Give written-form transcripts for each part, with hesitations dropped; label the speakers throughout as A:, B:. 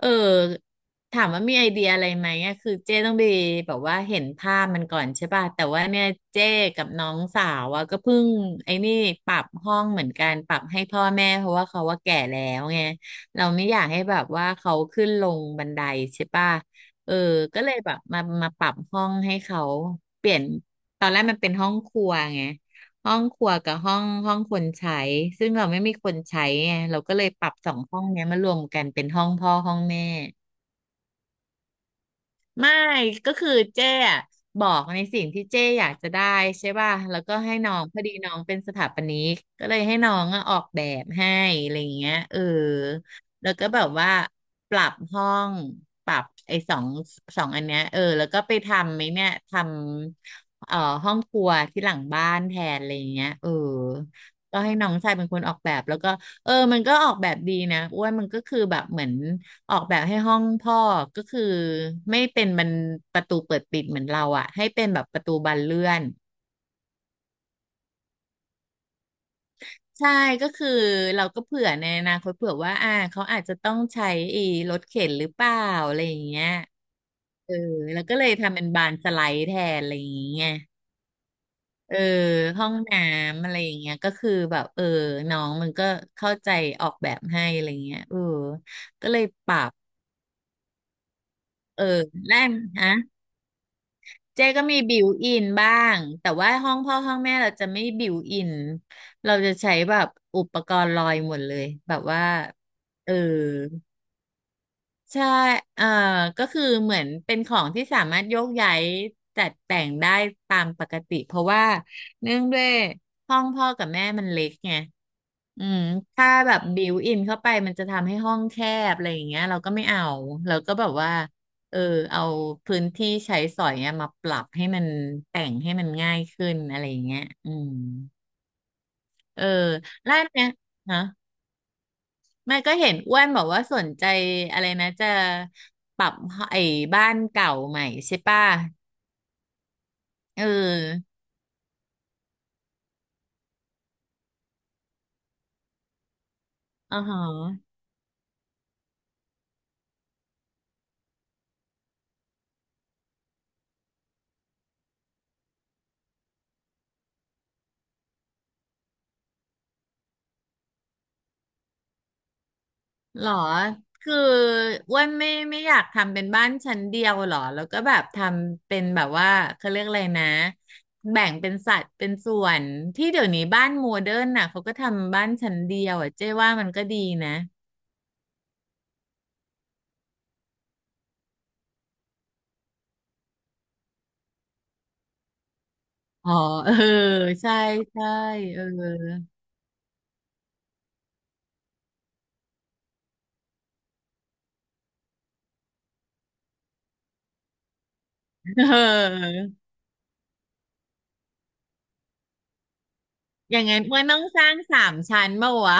A: เออถามว่ามีไอเดียอะไรไหมอะคือเจ้ต้องไปแบบว่าเห็นภาพมันก่อนใช่ป่ะแต่ว่าเนี่ยเจ้กับน้องสาวอะก็เพิ่งไอ้นี่ปรับห้องเหมือนกันปรับให้พ่อแม่เพราะว่าเขาว่าแก่แล้วไงเราไม่อยากให้แบบว่าเขาขึ้นลงบันไดใช่ป่ะเออก็เลยแบบมาปรับห้องให้เขาเปลี่ยนตอนแรกมันเป็นห้องครัวไง ห้องครัวกับห้องคนใช้ซึ่งเราไม่มีคนใช้ไงเราก็เลยปรับสองห้องเนี้ยมารวมกันเป็นห้องพ่อห้องแม่ ไม่ก็คือเจ๊อะบอกในสิ่งที่เจ๊อยากจะได้ใช่ป่ะแล้วก็ให้น้องพอดีน้องเป็นสถาปนิกก็เลยให้น้องอะออกแบบให้อะไรอย่างเงี้ยเออแล้วก็แบบว่าปรับห้องปรับไอ้สองอันเนี้ยเออแล้วก็ไปทำไหมเนี่ยทำห้องครัวที่หลังบ้านแทนอะไรอย่างเงี้ยเออก็ให้น้องชายเป็นคนออกแบบแล้วก็เออมันก็ออกแบบดีนะอ้วนมันก็คือแบบเหมือน ออกแบบให้ห้องพ่อก็คือไม่เป็นมันประตูเปิดปิดเหมือนเราอ่ะให้เป็นแบบประตูบานเลื่อนใช่ก็คือเราก็เผื่อในอนาคตเผื่อว่าเขาอาจจะต้องใช้ไอีรถเข็นหรือเปล่าอะไรอย่างเงี้ยเออแล้วก็เลยทำเป็นบานสไลด์แทนอะไรอย่างเงี้ยเออห้องน้ำอะไรอย่างเงี้ยก็คือแบบเออน้องมันก็เข้าใจออกแบบให้อะไรเงี้ยเออก็เลยปรับเออแรกนะ เจ๊ก็มีบิวอินบ้างแต่ว่าห้องพ่อห้องแม่เราจะไม่บิวอินเราจะใช้แบบอุปกรณ์ลอยหมดเลยแบบว่าเออ ใช่เอ่อก็คือเหมือนเป็นของที่สามารถโยกย้ายจัดแต่งได้ตามปกติเพราะว่าเนื่องด้วยห้องพ่อกับแม่มันเล็กไงอืมถ้าแบบบิวอินเข้าไปมันจะทำให้ห้องแคบอะไรอย่างเงี้ยเราก็ไม่เอาเราก็แบบว่าเออเอาพื้นที่ใช้สอยเนี่ยมาปรับให้มันแต่งให้มันง่ายขึ้นอะไรอย่างเงี้ยอืมเออแล้วอันเนี้ยฮะ แม่ก็เห็นอ้วนบอกว่าสนใจอะไรนะจะปรับไอ้บ้านเก่าใหม่ใช่ป่ะเอออ๋อฮะหรอคืออ้วนไม่อยากทำเป็นบ้านชั้นเดียวหรอแล้วก็แบบทำเป็นแบบว่าเขาเรียกอะไรนะแบ่งเป็นสัดเป็นส่วนที่เดี๋ยวนี้บ้านโมเดิร์นน่ะเขาก็ทำบ้านชั้นเดียวอ่ะเจ๊ว่ามันก็ดีนะอ๋อเออใช่ใช่เออ เออ อย่างนั้นอ้วนต้องสร้างสามชั้นเปล่าวะ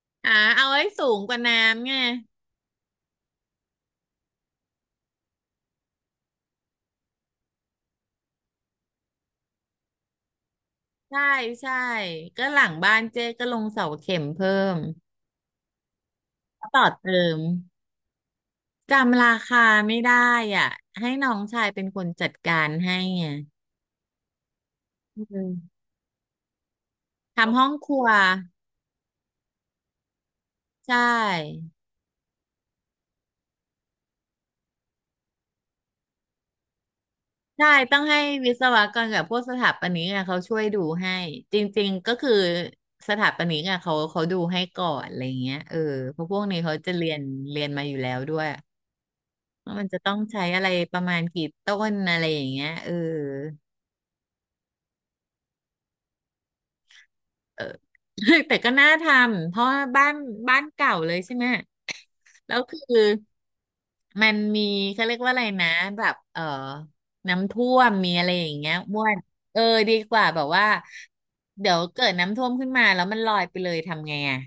A: อ่า เอาให้สูงกว่าน้ำไงใช่ใช่ก็หลังบ้านเจ๊ก็ลงเสาเข็มเพิ่มก็ต่อเติมจำราคาไม่ได้อ่ะให้น้องชายเป็นคนจัดการให้ไงอืมทำห้องครัวใช่ใช่ต้องให้วิศวกรกับพวกสถาปนิกอะเขาช่วยดูให้จริงๆก็คือสถาปนิกอะเขาดูให้ก่อนอะไรเงี้ยเออเพราะพวกนี้เขาจะเรียนมาอยู่แล้วด้วย ว่ามันจะต้องใช้อะไรประมาณกี่ต้นอะไรอย่างเงี้ยเออเออ แต่ก็น่าทำเพราะว่าบ้านเก่าเลยใช่ไหมแล้วคือมันมีเขาเรียกว่าอะไรนะแบบเออน้ำท่วมมีอะไรอย่างเงี้ยอ้วนเออดีกว่าแบบว่าเดี๋ยวเกิดน้ำท่วมขึ้นมาแล้วมันลอยไปเลยทำไงอ่ะ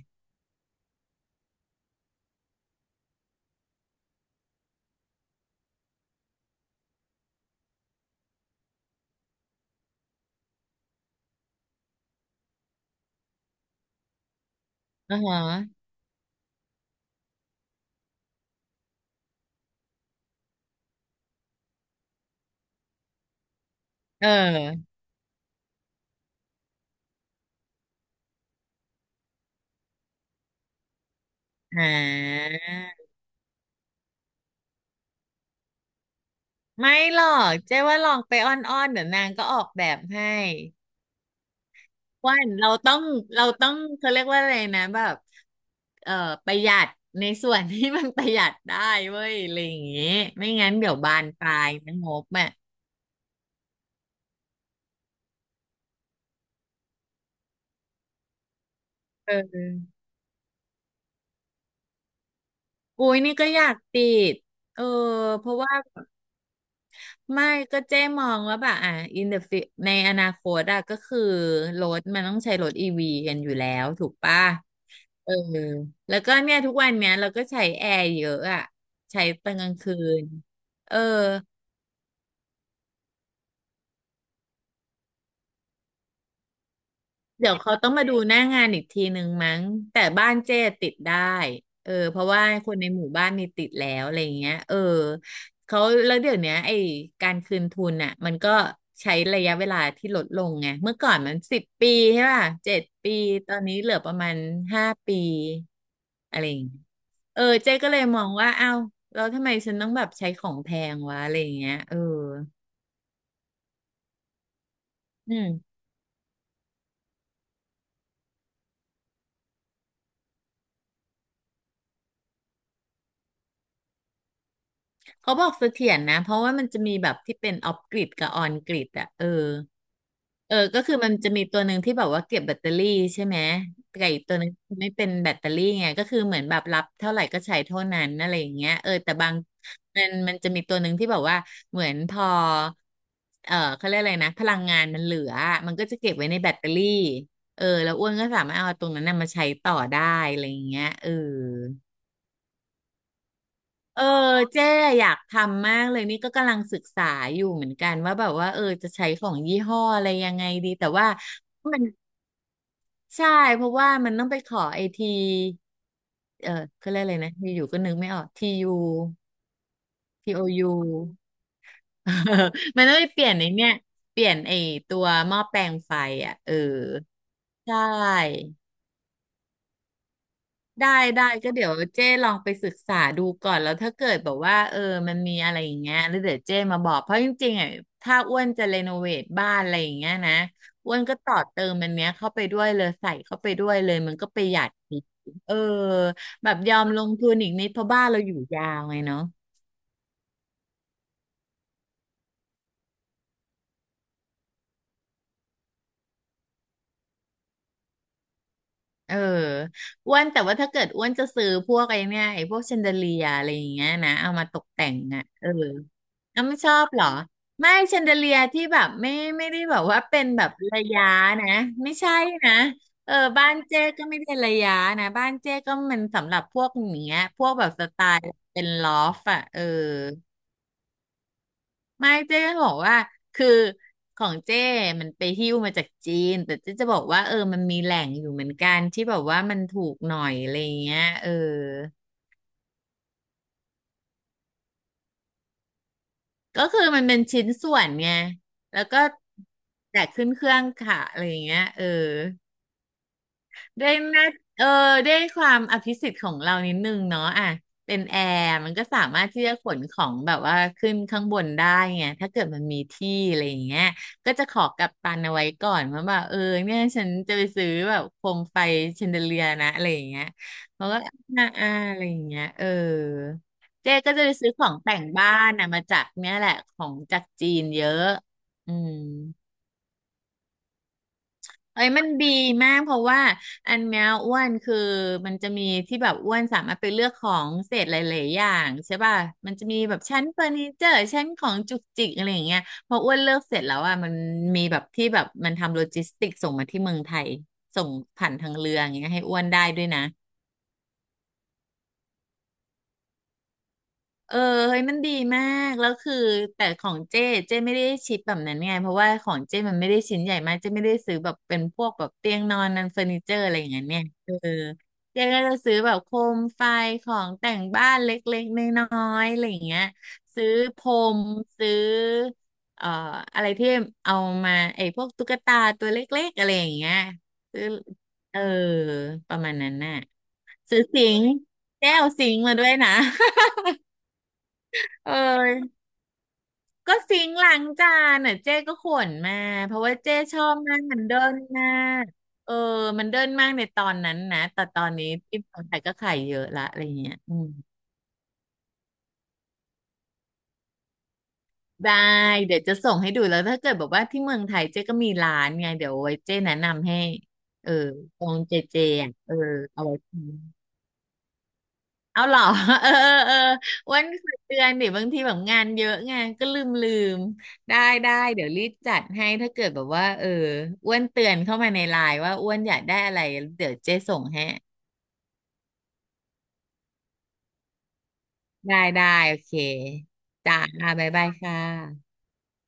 A: อือฮะเอออ่าไม่หรอกเจ๊ว่าลองไปอ้อนๆเดี๋ยวนางก็ออกแบบให้ อ้วันเราต้องเขาเรียกว่าอะไรนะแบบเอ่อประหยัดในส่วนที่มันประหยัดได้เว้ยอะไรอย่างเงี้ยไม่งั้นเดี๋ยวบานปลายนะงบอ่ะเอออุ้ยนี่ก็อยากติดเออเพราะว่าไม่ก็เจ๊มองว่าแบบอ่ะ ในอนาคตอะก็คือรถมันต้องใช้รถอีวีกันอยู่แล้วถูกป่ะเออแล้วก็เนี่ยทุกวันเนี้ยเราก็ใช้แอร์เยอะอะใช้ตอนกลางคืนเออ เดี๋ยวเขาต้องมาดูหน้างานอีกทีหนึ่งมั้งแต่บ้านเจ้ติดได้เออเพราะว่าคนในหมู่บ้านนี่ติดแล้วอะไรอย่างเงี้ยเออเขาแล้วเดี๋ยวเนี้ยไอ้การคืนทุนอ่ะมันก็ใช้ระยะเวลาที่ลดลงไงเมื่อก่อนมัน10 ปีใช่ป่ะ7 ปีตอนนี้เหลือประมาณ5 ปีอะไรอย่างเงี้ยเออเจ๊ก็เลยมองว่าอ้าวแล้วทำไมฉันต้องแบบใช้ของแพงวะอะไรอย่างเงี้ยเอออืม เขาบอกเสถียรนะเพราะว่ามันจะมีแบบที่เป็นออฟกริดกับออนกริดอะเออเออก็คือมันจะมีตัวหนึ่งที่แบบว่าเก็บแบตเตอรี่ใช่ไหมแต่อีกตัวหนึงไม่เป็นแบตเตอรี่ไงก็คือเหมือนแบบรับเท่าไหร่ก็ใช้เท่านั้นอะไรอย่างเงี้ยเออแต่บางมันจะมีตัวหนึ่งที่แบบว่าเหมือนพอเออเขาเรียกอะไรนะพลังงานมันเหลือมันก็จะเก็บไว้ในแบตเตอรี่เออแล้วอ้วนก็สามารถเอาตรงนั้นน่ะมาใช้ต่อได้อะไรอย่างเงี้ยเออ เออเจ๊อยากทำมากเลยนี่ก็กำลังศึกษาอยู่เหมือนกันว่าแบบว่าเออจะใช้ของยี่ห้ออะไรยังไงดีแต่ว่ามันใช่เพราะว่ามันต้องไปขอไอทีเออเขาเรียกอะไรนะอยู่ๆก็นึกไม่ออกทียูทีโอยู มันต้องไปเปลี่ยนไอเนี่ยเปลี่ยนไอตัวหม้อแปลงไฟอ่ะเออใช่ ได้ได้ก็เดี๋ยวเจ้ลองไปศึกษาดูก่อนแล้วถ้าเกิดแบบว่าเออมันมีอะไรอย่างเงี้ยแล้วเดี๋ยวเจ้มาบอกเพราะจริงๆอ่ะถ้าอ้วนจะเรโนเวทบ้านอะไรอย่างเงี้ยนะอ้วนก็ต่อเติมมันเนี้ยเข้าไปด้วยเลยใส่เข้าไปด้วยเลยมันก็ประหยัดอีกเออแบบยอมลงทุนอีกนิดเพราะบ้านเราอยู่ยาวไงเนาะ เอออ้วนแต่ว่าถ้าเกิดอ้วนจะซื้อพวกไอ้เนี่ยไอ้พวกแชนเดเลียอะไรอย่างเงี้ยนะเอามาตกแต่งอ่ะเออเอาไม่ชอบเหรอไม่แชนเดเลียที่แบบไม่ได้แบบว่าเป็นแบบระยะนะไม่ใช่นะเออบ้านเจ๊ก็ไม่ได้ระยะนะบ้านเจ๊ก็มันสำหรับพวกอย่างเงี้ยพวกแบบสไตล์เป็นลอฟอ่ะเออ ไม่เจ๊จะบอกว่าคือของเจ้มันไปหิ้วมาจากจีนแต่เจ๊จะบอกว่าเออมันมีแหล่งอยู่เหมือนกันที่แบบว่ามันถูกหน่อยอะไรอย่างเงี้ยเออก็คือมันเป็นชิ้นส่วนไงแล้วก็แจกขึ้นเครื่องค่ะอะไรอย่างเงี้ยเออ ได้หน้าเออได้ความอภิสิทธิ์ของเรานิดนึงเนาะอ่ะเป็นแอร์มันก็สามารถที่จะขนของแบบว่าขึ้นข้างบนได้ไงถ้าเกิดมันมีที่อะไรอย่างเงี้ยก็จะขอกัปตันเอาไว้ก่อนว่าแบบเออเนี่ยฉันจะไปซื้อแบบโคมไฟแชนเดเลียร์นะอะไรอย่างเงี้ยเขาก็อ่าอะไรอย่างเงี้ยเออเจ๊ก็จะไปซื้อของแต่งบ้านนะมาจากเนี่ยแหละของจากจีนเยอะอืม เอ้ยมันดีมากเพราะว่าอันเนี้ยอ้วนคือมันจะมีที่แบบอ้วนสามารถไปเลือกของเศษหลายๆอย่างใช่ป่ะมันจะมีแบบชั้นเฟอร์นิเจอร์ชั้นของจุกจิกอะไรอย่างเงี้ยพออ้วนเลือกเสร็จแล้วอ่ะมันมีแบบที่แบบมันทำโลจิสติกส่งมาที่เมืองไทยส่งผ่านทางเรืออย่างเงี้ยให้อ้วนได้ด้วยนะ เออเฮ้ยมันดีมากแล้วคือแต่ของเจ้เจ้ไม่ได้ชิปแบบนั้นไงเพราะว่าของเจ้มันไม่ได้ชิ้นใหญ่มากเจ้ไม่ได้ซื้อแบบเป็นพวกแบบเตียงนอนนันเฟอร์นิเจอร์อะไรอย่างเงี้ยเนี่ยเออเจ๊ก็จะซื้อแบบโคมไฟของแต่งบ้านเล็กๆน้อยๆอะไรอย่างเงี้ยซื้อพรมซื้อเอ่ออะไรที่เอามาไอ้พวกตุ๊กตาตัวเล็กๆอะไรอย่างเงี้ยซื้อเออประมาณนั้นน่ะซื้อสิงค์แก้วสิงค์มาด้วยนะ เออ ก็ซิงค์ล้างจานอ่ะเจ๊ก็ขวนมาเพราะว่าเจ๊ชอบมากมันเดินมากเออมันเดินมากในตอนนั้นนะแต่ตอนนี้ที่เมืองไทยก็ขายเยอะละอะไรเงี้ยอืมได้เดี๋ยวจะส่งให้ดูแล้วถ้าเกิดบอกว่าที่เมืองไทยเจ๊ก็มีร้านไงเดี๋ยวไว้เจ๊แนะนำให้เออตรงเจเจอ่ะเออเอาไว้ เอาเหรอ เออ เอออ้วันเคยเตือนดิบางทีแบบงานเยอะไงานก็ลืมได้ได้เดี๋ยวรีบจัดให้ถ้าเกิดแบบว่าเอออ้วนเตือนเข้ามาในไลน์ว่าอ้วนอยากได้อะไรเดี๋ยวเจ๊ส่งให้ได้ได้โอเคจ้าบ๊ายบายค่ะ